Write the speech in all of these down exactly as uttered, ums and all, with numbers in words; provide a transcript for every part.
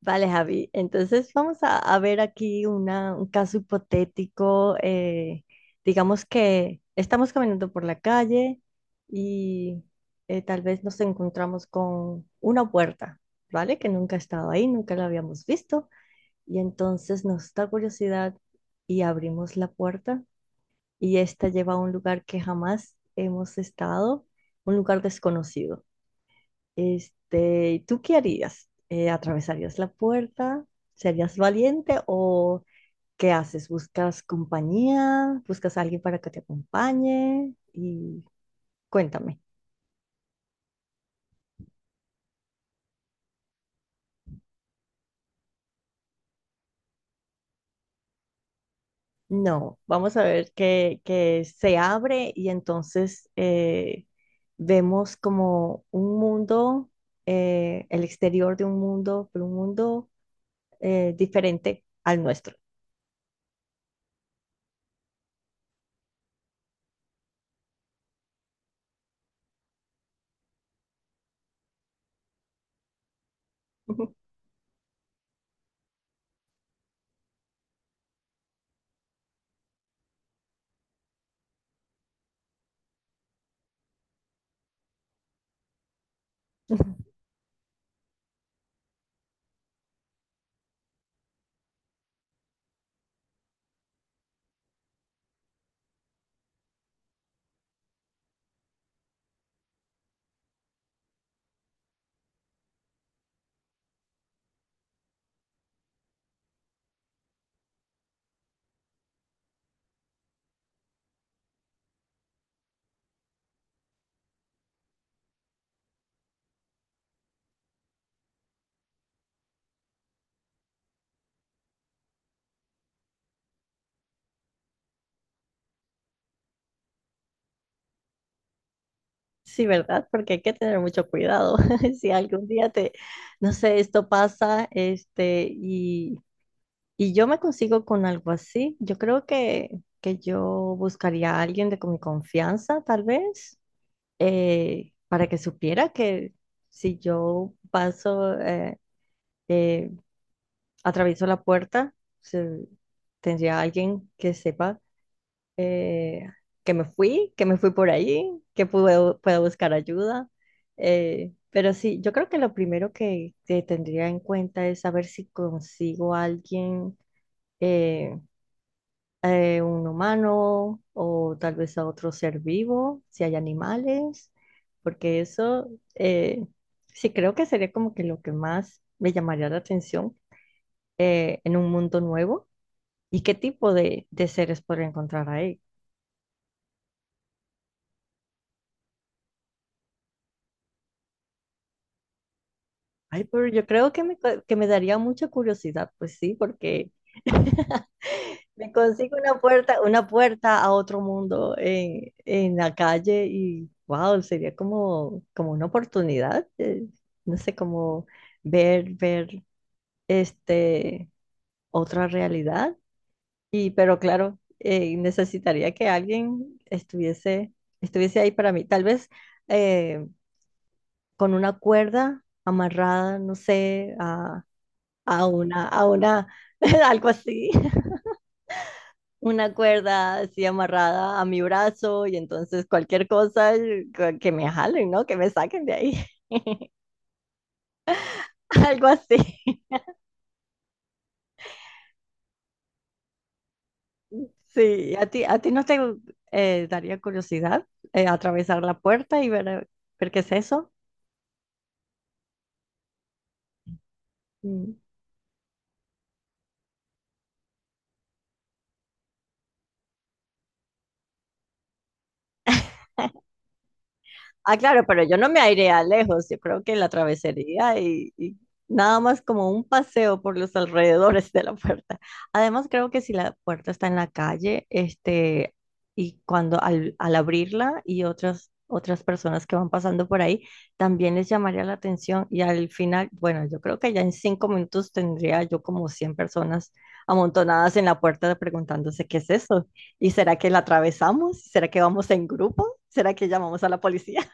Vale, Javi. Entonces vamos a, a ver aquí una, un caso hipotético. Eh, digamos que estamos caminando por la calle y eh, tal vez nos encontramos con una puerta, ¿vale? Que nunca ha estado ahí, nunca la habíamos visto. Y entonces nos da curiosidad y abrimos la puerta, y esta lleva a un lugar que jamás hemos estado, un lugar desconocido. Este, ¿tú qué harías? ¿Eh, atravesarías la puerta? ¿Serías valiente o qué haces? ¿Buscas compañía? ¿Buscas a alguien para que te acompañe? Y cuéntame. No, vamos a ver que, que se abre y entonces eh, vemos como un mundo, eh, el exterior de un mundo, pero un mundo eh, diferente al nuestro. Sí, ¿verdad? Porque hay que tener mucho cuidado. Si algún día te, no sé, esto pasa, este, y, y yo me consigo con algo así, yo creo que, que yo buscaría a alguien de con mi confianza, tal vez, eh, para que supiera que si yo paso, eh, eh, atravieso la puerta, se- tendría alguien que sepa eh, que me fui, que me fui por ahí, que puedo, puedo buscar ayuda. Eh, pero sí, yo creo que lo primero que, que tendría en cuenta es saber si consigo a alguien, eh, eh, un humano o tal vez a otro ser vivo, si hay animales, porque eso eh, sí creo que sería como que lo que más me llamaría la atención eh, en un mundo nuevo. ¿Y qué tipo de, de seres podría encontrar ahí? Ay, pero yo creo que me, co- que me daría mucha curiosidad, pues sí, porque me consigo una puerta, una puerta a otro mundo en, en la calle y wow, sería como, como una oportunidad, eh, no sé, como ver, ver este otra realidad. Y pero claro, eh, necesitaría que alguien estuviese, estuviese ahí para mí. Tal vez eh, con una cuerda amarrada, no sé, a una, a una, algo así, una cuerda así amarrada a mi brazo y entonces cualquier cosa eh, que que me jalen, ¿no? Que me saquen de ahí. Algo así. Sí, ¿a ti, a ti no te eh, daría curiosidad eh, atravesar la puerta y ver, ver qué es eso? Mm. Ah, claro, pero yo no me airea lejos. Yo creo que la travesaría y, y nada más como un paseo por los alrededores de la puerta. Además, creo que si la puerta está en la calle, este, y cuando al, al abrirla y otras otras personas que van pasando por ahí, también les llamaría la atención y al final, bueno, yo creo que ya en cinco minutos tendría yo como cien personas amontonadas en la puerta preguntándose qué es eso. ¿Y será que la atravesamos? ¿Será que vamos en grupo? ¿Será que llamamos a la policía?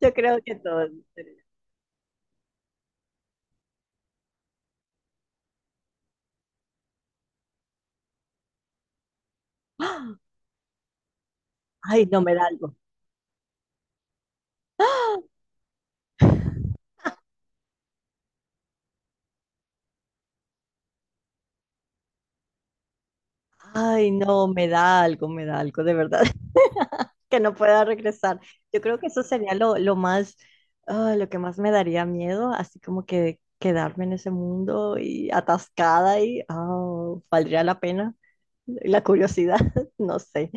Yo creo que todo. Ay, no, me da algo. Ay, no, me da algo, me da algo, de verdad. Que no pueda regresar. Yo creo que eso sería lo, lo más, ah, lo que más me daría miedo, así como que quedarme en ese mundo y atascada y, ah, ¿valdría la pena? La curiosidad, no sé.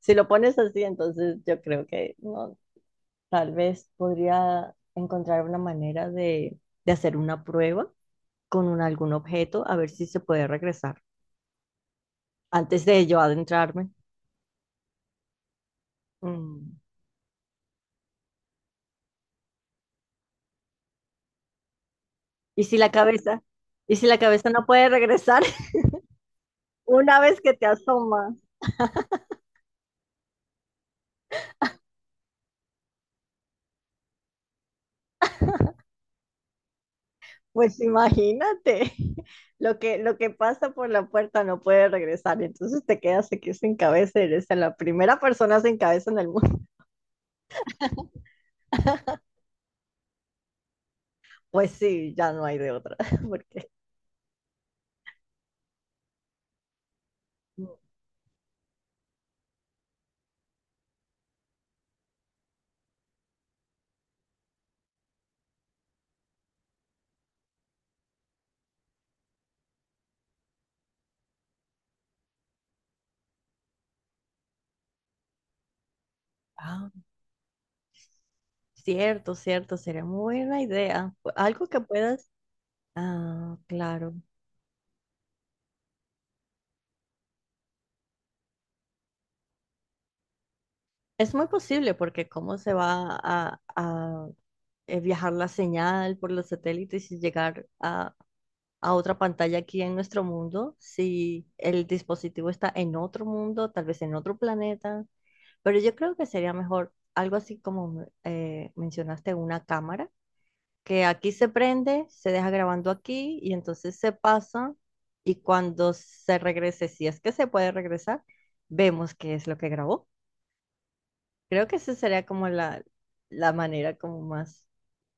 Si lo pones así, entonces yo creo que no, tal vez podría encontrar una manera de, de hacer una prueba con un- algún objeto a ver si se puede regresar antes de yo adentrarme. Mm. ¿Y si la cabeza? ¿Y si la cabeza no puede regresar una vez que te asomas? Pues imagínate, lo que, lo que pasa por la puerta no puede regresar, entonces te quedas aquí sin cabeza, eres la primera persona sin cabeza en el mundo. Pues sí, ya no hay de otra, porque... Ah, cierto, cierto, sería muy buena idea. Algo que puedas... Ah, claro. Es muy posible porque cómo se va a, a, eh, viajar la señal por los satélites y llegar a, a otra pantalla aquí en nuestro mundo si el dispositivo está en otro mundo, tal vez en otro planeta. Pero yo creo que sería mejor algo así como eh, mencionaste, una cámara, que aquí se prende, se deja grabando aquí y entonces se pasa y cuando se regrese, si es que se puede regresar, vemos qué es lo que grabó. Creo que esa sería como la, la manera como más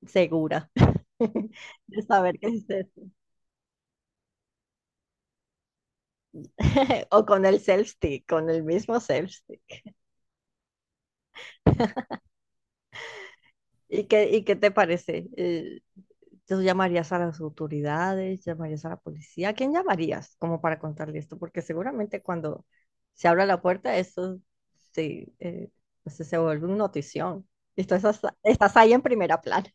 segura de saber que existe. O con el self-stick, con el mismo self-stick. ¿Y qué, y qué te parece? Eh, ¿Tú llamarías a las autoridades? ¿Llamarías a la policía? ¿A quién llamarías como para contarle esto? Porque seguramente cuando se abra la puerta, esto sí, eh, pues se vuelve una notición. Y tú estás, estás ahí en primera plana.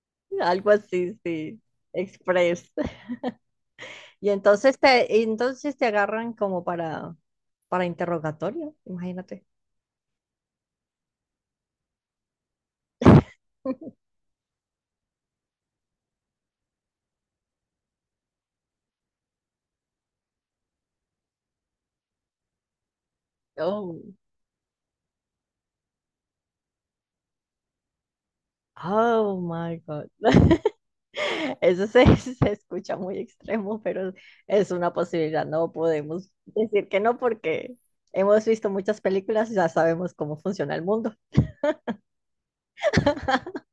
Algo así, sí. Express. Y entonces te, y entonces te agarran como para, para interrogatorio, imagínate. Oh, oh my God. Eso se, se escucha muy extremo, pero es una posibilidad. No podemos decir que no porque hemos visto muchas películas y ya sabemos cómo funciona el mundo.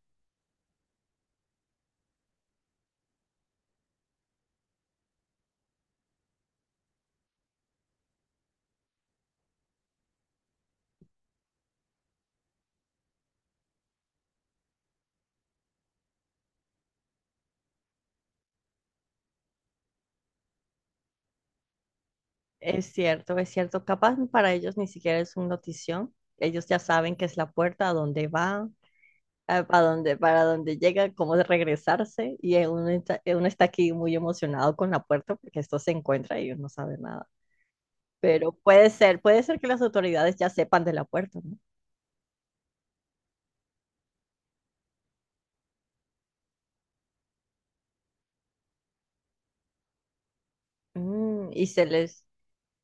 Es cierto, es cierto. Capaz para ellos ni siquiera es un notición. Ellos ya saben que es la puerta a dónde va, a- a donde, para donde llega, cómo de regresarse, y eh, uno está, eh, uno está aquí muy emocionado con la puerta porque esto se encuentra y uno no sabe nada. Pero puede ser, puede ser que las autoridades ya sepan de la puerta, ¿no? Mm, y se les,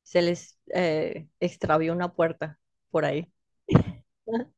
se les eh, extravió una puerta por ahí.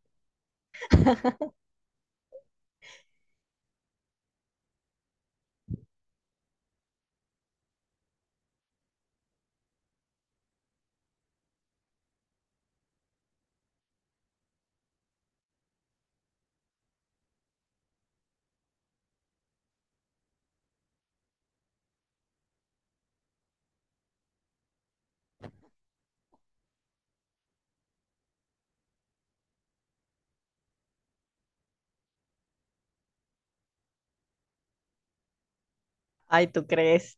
Ay, ¿tú crees?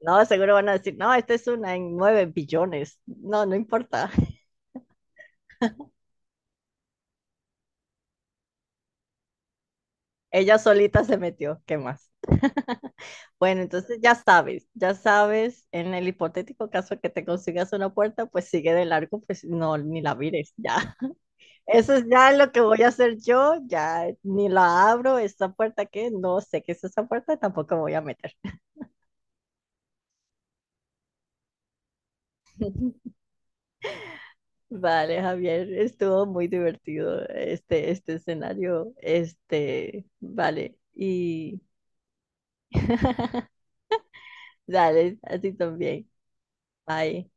No, seguro van a decir, no, esta es una en nueve billones. No, no importa. Ella solita se metió, ¿qué más? Bueno, entonces ya sabes, ya sabes, en el hipotético caso que te consigas una puerta, pues sigue de largo, pues no, ni la mires, ya. Eso es ya lo que voy a hacer yo, ya ni la abro, esta puerta que no sé qué es esa puerta, tampoco me voy a meter. Vale, Javier, estuvo muy divertido este, este escenario, este, vale, y dale, a ti también, bye.